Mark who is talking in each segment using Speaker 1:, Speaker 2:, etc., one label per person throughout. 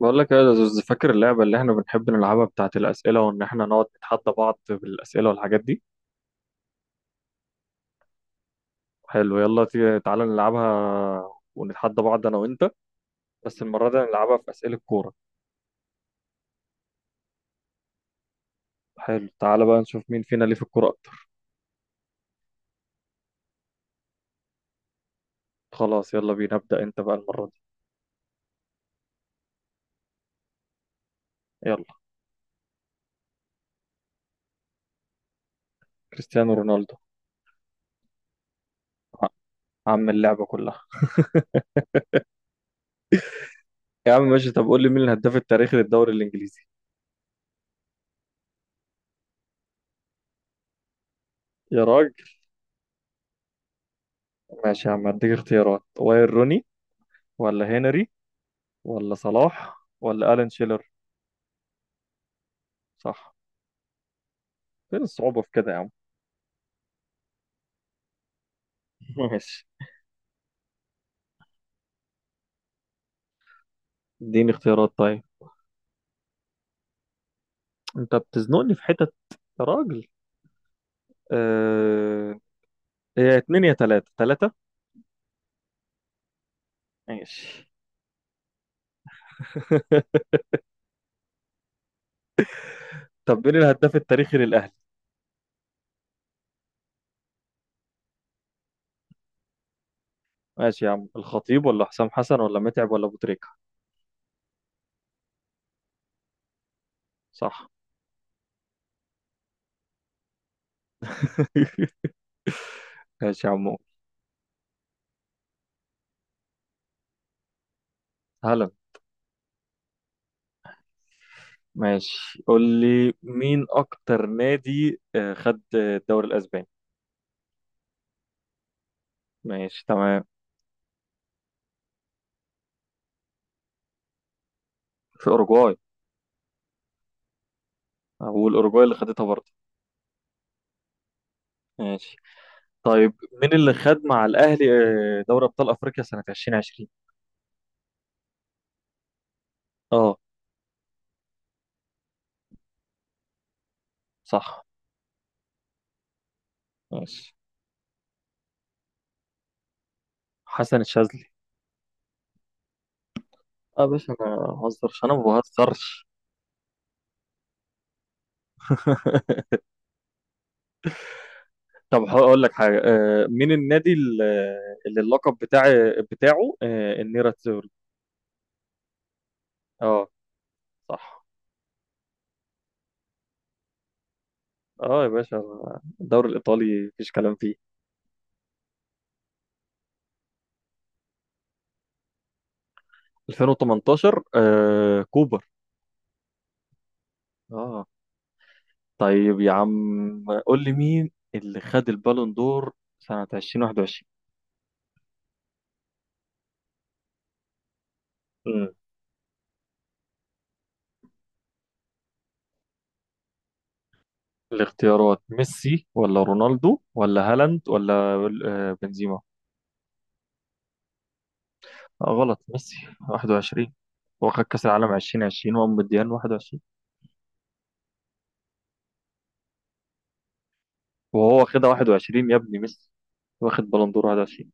Speaker 1: بقول لك إيه يا زوز، فاكر اللعبة اللي احنا بنحب نلعبها بتاعت الأسئلة، وإن احنا نقعد نتحدى بعض بالأسئلة والحاجات دي؟ حلو، يلا تعالى نلعبها ونتحدى بعض أنا وأنت. بس المرة دي نلعبها في أسئلة كورة. حلو، تعالى بقى نشوف مين فينا ليه في الكورة أكتر. خلاص، يلا بينا، ابدأ أنت بقى المرة دي. يلا. كريستيانو رونالدو. ع- عم اللعبة كلها. يا عم ماشي، طب قول لي مين الهداف التاريخي للدوري الإنجليزي؟ يا راجل. ماشي يا عم، هديك اختيارات: واير روني، ولا هنري، ولا صلاح، ولا ألان شيلر. صح. فين الصعوبة في كده يا عم؟ ماشي. اديني اختيارات طيب. انت بتزنقني في حتت، يا راجل. آه... هي اتنين يا تلاتة، تلاتة. ماشي. طب مين الهداف التاريخي للأهلي؟ ماشي يا عم، الخطيب ولا حسام حسن ولا متعب ولا أبو تريكة. صح. ماشي يا عمو. هلا. ماشي، قول لي مين اكتر نادي خد الدوري الاسباني؟ ماشي تمام. في اوروجواي. اقول اوروجواي اللي خدتها برضه. ماشي. طيب مين اللي خد مع الأهلي دوري أبطال أفريقيا سنة 2020؟ اه. صح. ماشي، حسن الشاذلي. اه باش، انا ما بهزرش انا ما بهزرش. طب هقول لك حاجه، مين النادي اللي اللقب بتاعه النيرة تزوري. اه. صح. اه يا باشا، الدوري الايطالي مفيش كلام فيه. 2018، كوبر. اه. طيب يا عم قول لي مين اللي خد البالون دور سنة 2021؟ الاختيارات: ميسي ولا رونالدو ولا هالاند ولا بنزيما. غلط، ميسي. 21. هو خد كأس العالم 2020 وقام مديان 21. وهو واخدها 21 يا ابني، ميسي. واخد بالون دور 21.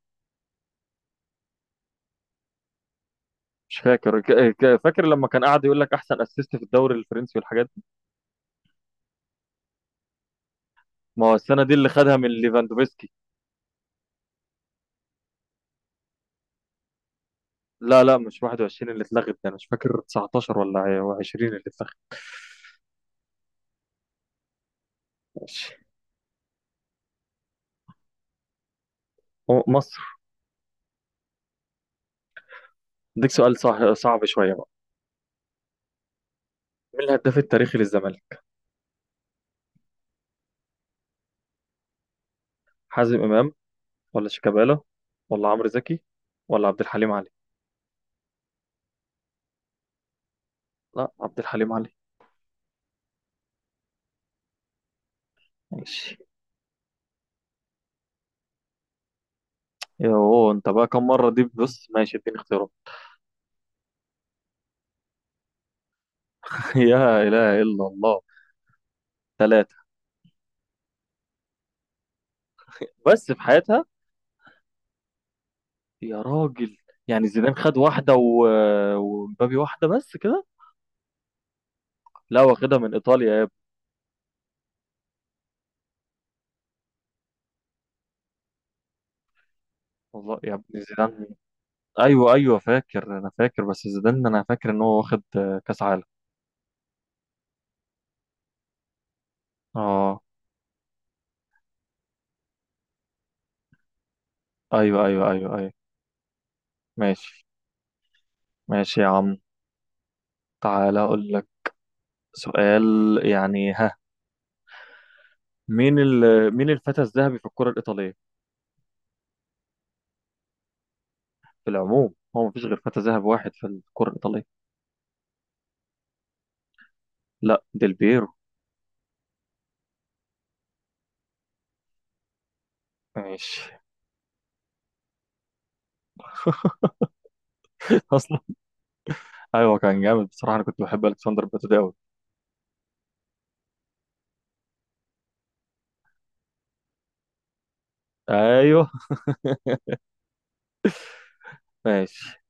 Speaker 1: مش فاكر، فاكر لما كان قاعد يقول لك احسن اسيست في الدوري الفرنسي والحاجات دي. ما هو السنه دي اللي خدها من ليفاندوفسكي. لا لا، مش 21 اللي اتلغت، ده انا مش فاكر 19 ولا 20 اللي اتلغت. ماشي. هو مصر. اديك سؤال صح، صعب شويه بقى. مين الهداف التاريخي للزمالك؟ حازم امام، ولا شيكابالا، ولا عمرو زكي، ولا عبد الحليم علي. لا، عبد الحليم علي. ماشي. يوه انت بقى، كم مرة دي؟ بص ماشي، اديني اختيارات. يا اله الا الله. ثلاثة. بس في حياتها؟ يا راجل. يعني زيدان خد واحدة ومبابي واحدة، بس كده. لا، واخدها من ايطاليا يا ابني. والله يا ابني، زيدان. ايوه ايوه، فاكر، انا فاكر، بس زيدان انا فاكر ان هو واخد كاس عالم. اه. ايوه ايوه ايوه ايوه. ماشي. ماشي يا عم. تعالى اقول لك سؤال، يعني ها، مين مين الفتى الذهبي في الكرة الإيطالية؟ في العموم، هو مفيش غير فتى ذهبي واحد في الكرة الإيطالية. لا، ديل بيرو. ماشي. أصلا. أيوه، كان جامد بصراحة، أنا كنت بحب ألكسندر باتو أوي. أيوه. ماشي،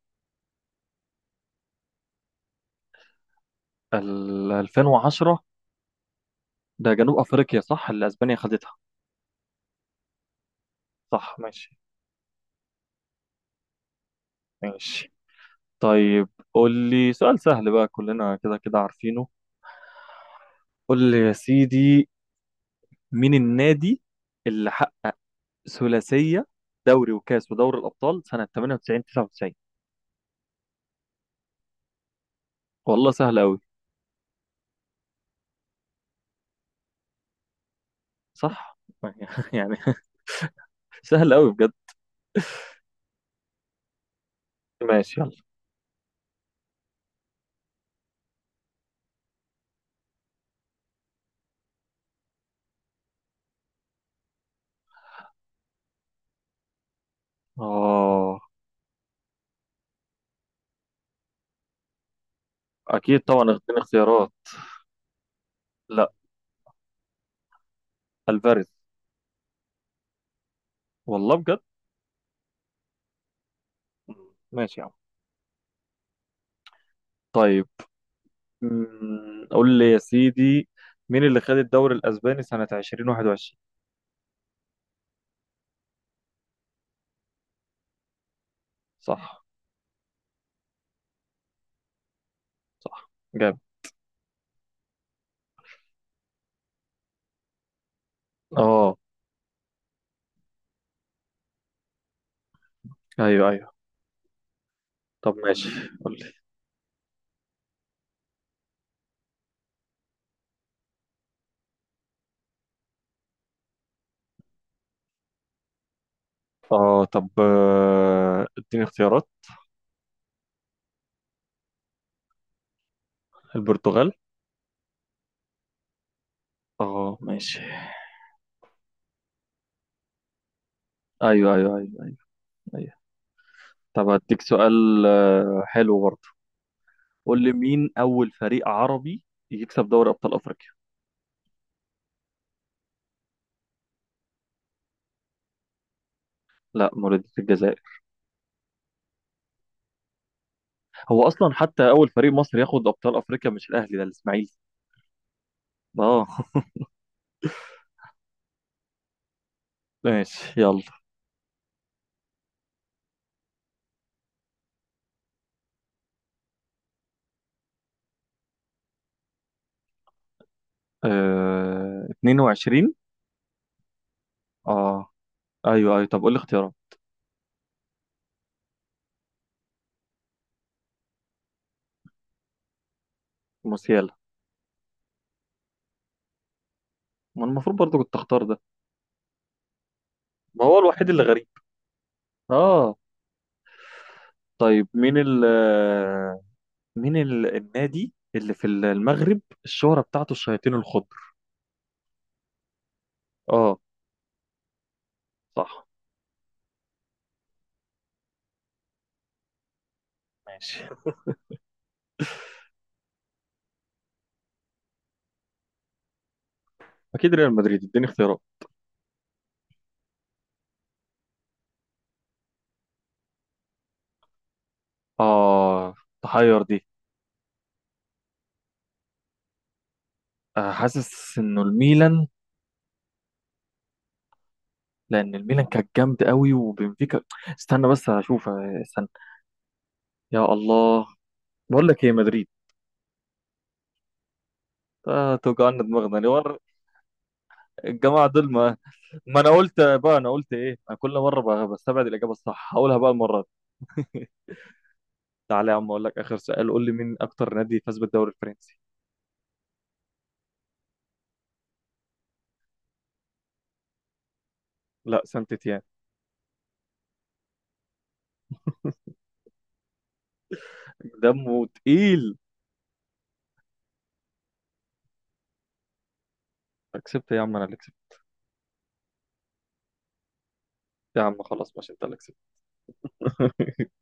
Speaker 1: ال 2010 ده جنوب أفريقيا صح، اللي أسبانيا خدتها. صح ماشي. ماشي. طيب قول لي سؤال سهل بقى، كلنا كده كده عارفينه. قول لي يا سيدي، مين النادي اللي حقق ثلاثية دوري وكاس ودوري الأبطال سنة 98 99؟ والله سهل أوي. صح. يعني سهل أوي بجد. ماشي يلا. آه. أكيد طبعا، اديني اختيارات. لا، ألفاريز. والله بجد. ماشي يا عم. طيب قول لي يا سيدي، مين اللي خد الدوري الأسباني سنة 2021؟ صح. صح، جامد. اه ايوه ايوه. طب ماشي. قول لي. اه طب، اديني اختيارات. البرتغال. اه ماشي. ايوه ايوه ايوه ايوه، أيوة. طب هديك سؤال حلو برضه، قول لي مين اول فريق عربي يكسب دوري ابطال افريقيا؟ لا، مولودية الجزائر. هو اصلا حتى اول فريق مصري ياخد ابطال افريقيا مش الاهلي، ده الاسماعيلي. اه. ماشي يلا. 22. اه ايوه ايوه. طب قول لي اختيارات. موسيالا. ما المفروض برضه كنت اختار ده. ما هو الوحيد اللي غريب. اه. طيب مين ال آه، مين النادي اللي في المغرب الشهرة بتاعته الشياطين الخضر؟ اه. صح. ماشي. اكيد ريال مدريد، اديني اختيارات. اه. تحير دي. حاسس انه الميلان، لان الميلان كانت جامد قوي، وبنفيكا. استنى بس هشوف، استنى. يا الله. بقول لك ايه، مدريد. توجعنا دماغنا ليه الجماعه دول ما. ما انا قلت بقى، انا قلت ايه، انا كل مره بقى بستبعد الاجابه الصح، هقولها بقى المره دي. تعالى يا عم اقول لك اخر سؤال، قول لي مين اكتر نادي فاز بالدوري الفرنسي؟ لا، سانت تيان. دمه تقيل. كسبت يا عم، انا اللي كسبت. يا عم خلاص ماشي، انت اللي كسبت.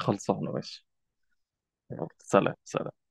Speaker 1: خلصانه، ماشي. يلا، سلام سلام.